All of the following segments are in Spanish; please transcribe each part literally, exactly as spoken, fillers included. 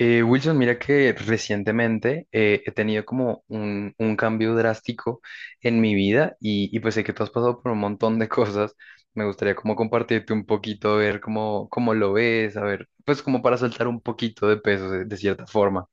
Eh, Wilson, mira que recientemente eh, he tenido como un, un cambio drástico en mi vida y, y pues sé que tú has pasado por un montón de cosas. Me gustaría como compartirte un poquito, ver cómo, cómo lo ves, a ver, pues como para soltar un poquito de peso de, de cierta forma.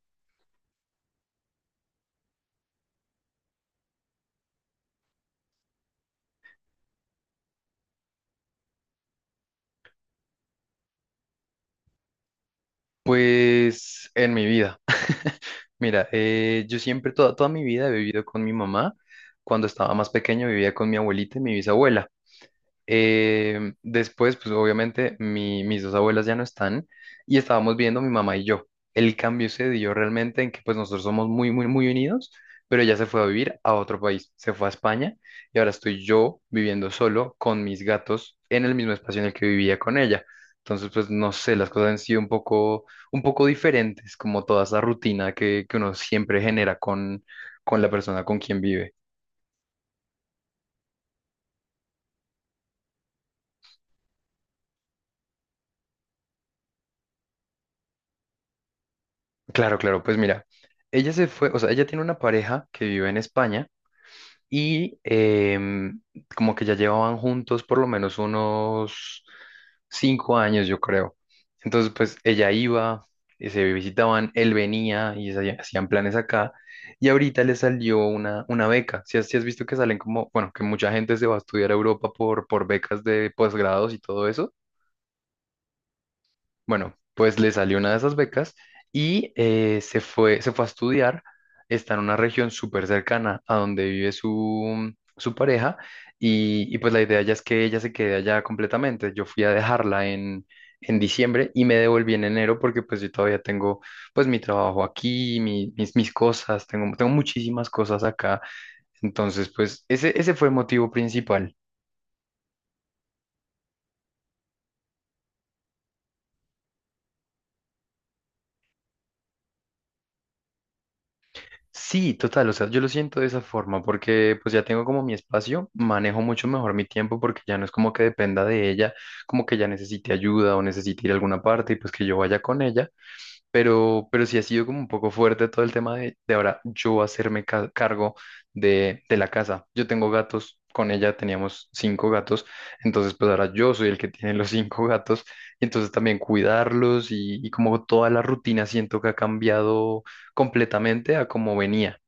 Pues en mi vida. Mira, eh, yo siempre, toda, toda mi vida he vivido con mi mamá. Cuando estaba más pequeño vivía con mi abuelita y mi bisabuela. Eh, después, pues obviamente mi- mis dos abuelas ya no están, y estábamos viendo mi mamá y yo. El cambio se dio realmente en que pues nosotros somos muy, muy, muy unidos, pero ella se fue a vivir a otro país, se fue a España, y ahora estoy yo viviendo solo con mis gatos en el mismo espacio en el que vivía con ella. Entonces, pues no sé, las cosas han sido un poco, un poco diferentes, como toda esa rutina que, que uno siempre genera con, con la persona con quien vive. Claro, claro, pues mira, ella se fue, o sea, ella tiene una pareja que vive en España y em, como que ya llevaban juntos por lo menos unos cinco años, yo creo. Entonces, pues ella iba, y se visitaban, él venía y se- hacían planes acá, y ahorita le salió una, una beca. Si has, si has visto que salen como, bueno, que mucha gente se va a estudiar a Europa por, por becas de posgrados y todo eso. Bueno, pues le salió una de esas becas y eh, se fue, se fue a estudiar. Está en una región súper cercana a donde vive su, su pareja, y, y pues la idea ya es que ella se quede allá completamente. Yo fui a dejarla en, en diciembre y me devolví en enero, porque pues yo todavía tengo pues mi trabajo aquí, mi- mis, mis cosas, tengo, tengo muchísimas cosas acá. Entonces pues ese, ese fue el motivo principal. Sí, total, o sea, yo lo siento de esa forma porque pues ya tengo como mi espacio, manejo mucho mejor mi tiempo porque ya no es como que dependa de ella, como que ya necesite ayuda o necesite ir a alguna parte y pues que yo vaya con ella, pero, pero, sí ha sido como un poco fuerte todo el tema de, de ahora yo hacerme ca- cargo de, de la casa. Yo tengo gatos, con ella teníamos cinco gatos, entonces pues ahora yo soy el que tiene los cinco gatos, y entonces también cuidarlos y, y como toda la rutina siento que ha cambiado completamente a como venía.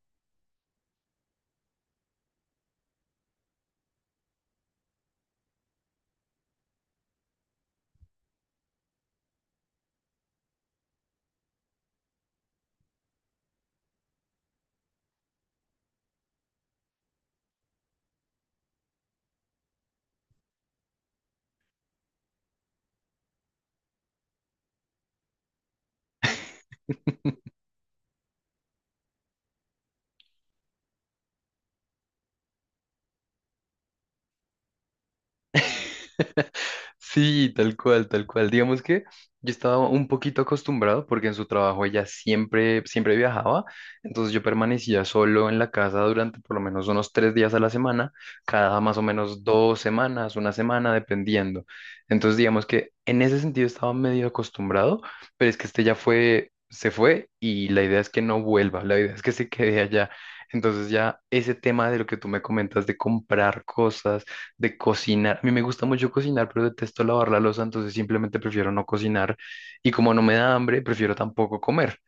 Sí, tal cual, tal cual. Digamos que yo estaba un poquito acostumbrado porque en su trabajo ella siempre, siempre viajaba, entonces yo permanecía solo en la casa durante por lo menos unos tres días a la semana, cada más o menos dos semanas, una semana, dependiendo. Entonces digamos que en ese sentido estaba medio acostumbrado, pero es que este ya fue, se fue, y la idea es que no vuelva, la idea es que se quede allá. Entonces ya ese tema de lo que tú me comentas de comprar cosas, de cocinar. A mí me gusta mucho cocinar, pero detesto lavar la loza, entonces simplemente prefiero no cocinar. Y como no me da hambre, prefiero tampoco comer.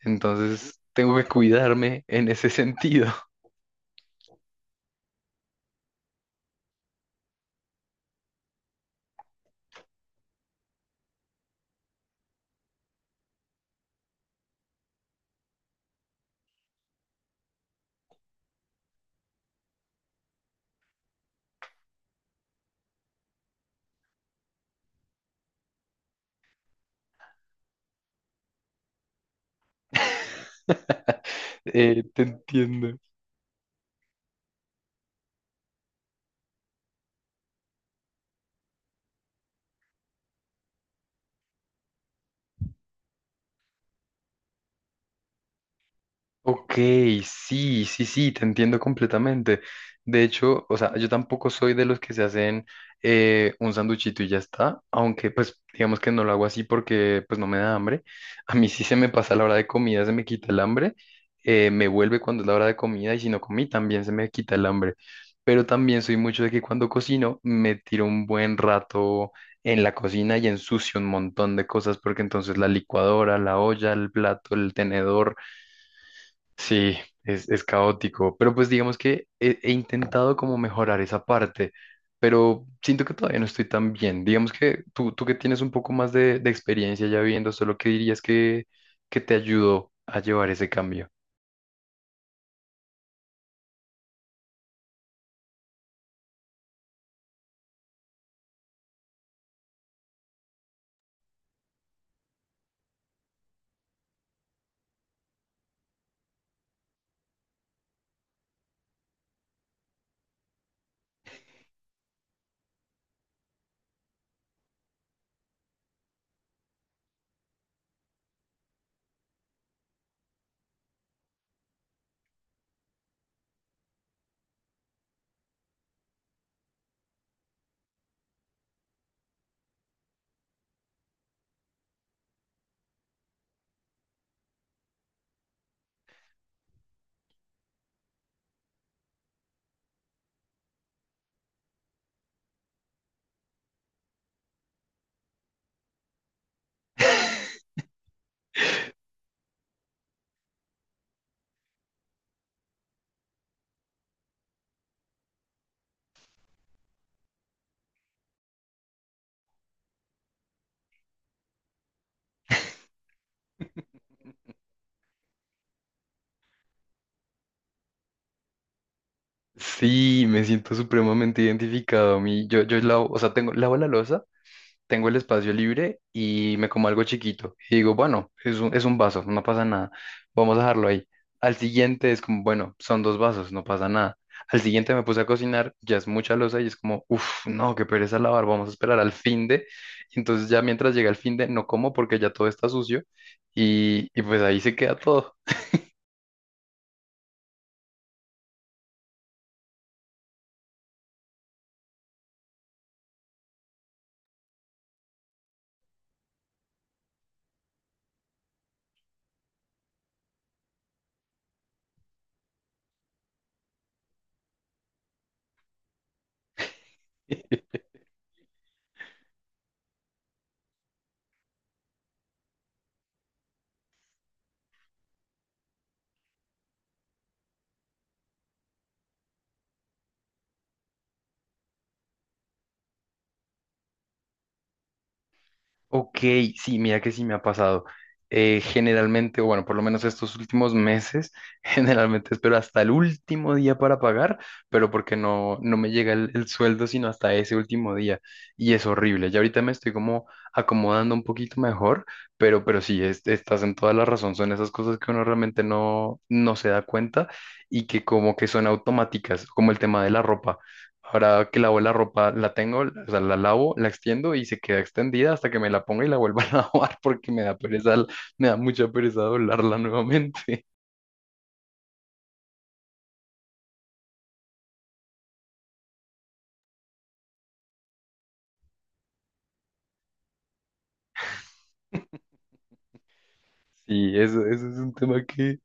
Entonces tengo que cuidarme en ese sentido. Eh, te entiendo. Ok, sí, sí, sí, te entiendo completamente. De hecho, o sea, yo tampoco soy de los que se hacen eh, un sanduchito y ya está, aunque pues digamos que no lo hago así porque pues no me da hambre. A mí sí se me pasa la hora de comida, se me quita el hambre, eh, me vuelve cuando es la hora de comida, y si no comí también se me quita el hambre. Pero también soy mucho de que cuando cocino me tiro un buen rato en la cocina y ensucio un montón de cosas, porque entonces la licuadora, la olla, el plato, el tenedor. Sí, es, es caótico, pero pues digamos que he, he intentado como mejorar esa parte, pero siento que todavía no estoy tan bien. Digamos que tú, tú que tienes un poco más de, de experiencia ya viendo solo, ¿que dirías que, que te ayudó a llevar ese cambio? Sí, me siento supremamente identificado a mí. Yo, yo lavo, o sea, tengo, lavo la loza. Tengo el espacio libre y me como algo chiquito. Y digo, bueno, es un, es un, vaso, no pasa nada, vamos a dejarlo ahí. Al siguiente es como, bueno, son dos vasos, no pasa nada. Al siguiente me puse a cocinar, ya es mucha losa y es como, uff, no, qué pereza lavar, vamos a esperar al fin de. Entonces ya mientras llega el fin de, no como porque ya todo está sucio, y, y pues ahí se queda todo. Ok, sí, mira que sí me ha pasado. Eh, generalmente, o bueno, por lo menos estos últimos meses, generalmente espero hasta el último día para pagar, pero porque no, no me llega el, el sueldo sino hasta ese último día. Y es horrible. Ya ahorita me estoy como acomodando un poquito mejor, pero, pero sí, es- estás en toda la razón. Son esas cosas que uno realmente no, no se da cuenta y que como que son automáticas, como el tema de la ropa. Ahora que lavo la ropa, la tengo, o sea, la lavo, la extiendo y se queda extendida hasta que me la ponga y la vuelva a lavar porque me da pereza, me da mucha pereza doblarla nuevamente. Sí, eso, eso es un tema que.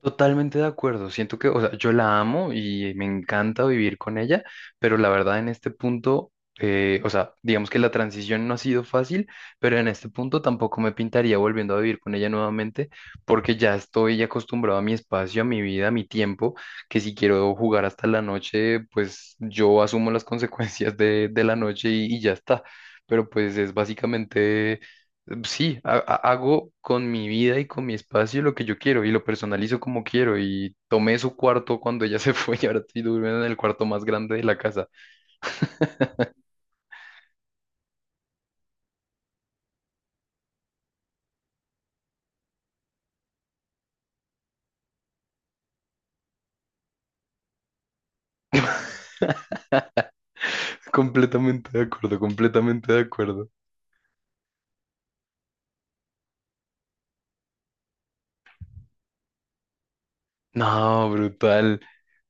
Totalmente de acuerdo. Siento que, o sea, yo la amo y me encanta vivir con ella, pero la verdad en este punto, eh, o sea, digamos que la transición no ha sido fácil, pero en este punto tampoco me pintaría volviendo a vivir con ella nuevamente, porque ya estoy acostumbrado a mi espacio, a mi vida, a mi tiempo, que si quiero jugar hasta la noche, pues yo asumo las consecuencias de, de la noche, y, y ya está. Pero pues es básicamente. Sí, ha- ha- hago con mi vida y con mi espacio lo que yo quiero, y lo personalizo como quiero, y tomé su cuarto cuando ella se fue, y ahora estoy durmiendo en el cuarto más grande de la casa. Completamente de acuerdo, completamente de acuerdo. No, brutal.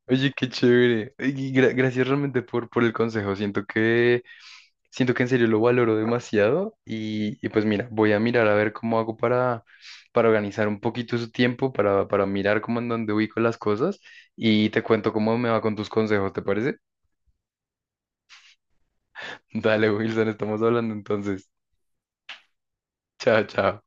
Oye, qué chévere. Y gra- gracias realmente por, por el consejo. Siento que Siento que en serio lo valoro demasiado, y, y pues mira, voy a mirar a ver cómo hago para, para organizar un poquito su tiempo, para, para mirar cómo en dónde ubico las cosas, y te cuento cómo me va con tus consejos, ¿te parece? Dale, Wilson, estamos hablando entonces. Chao, chao.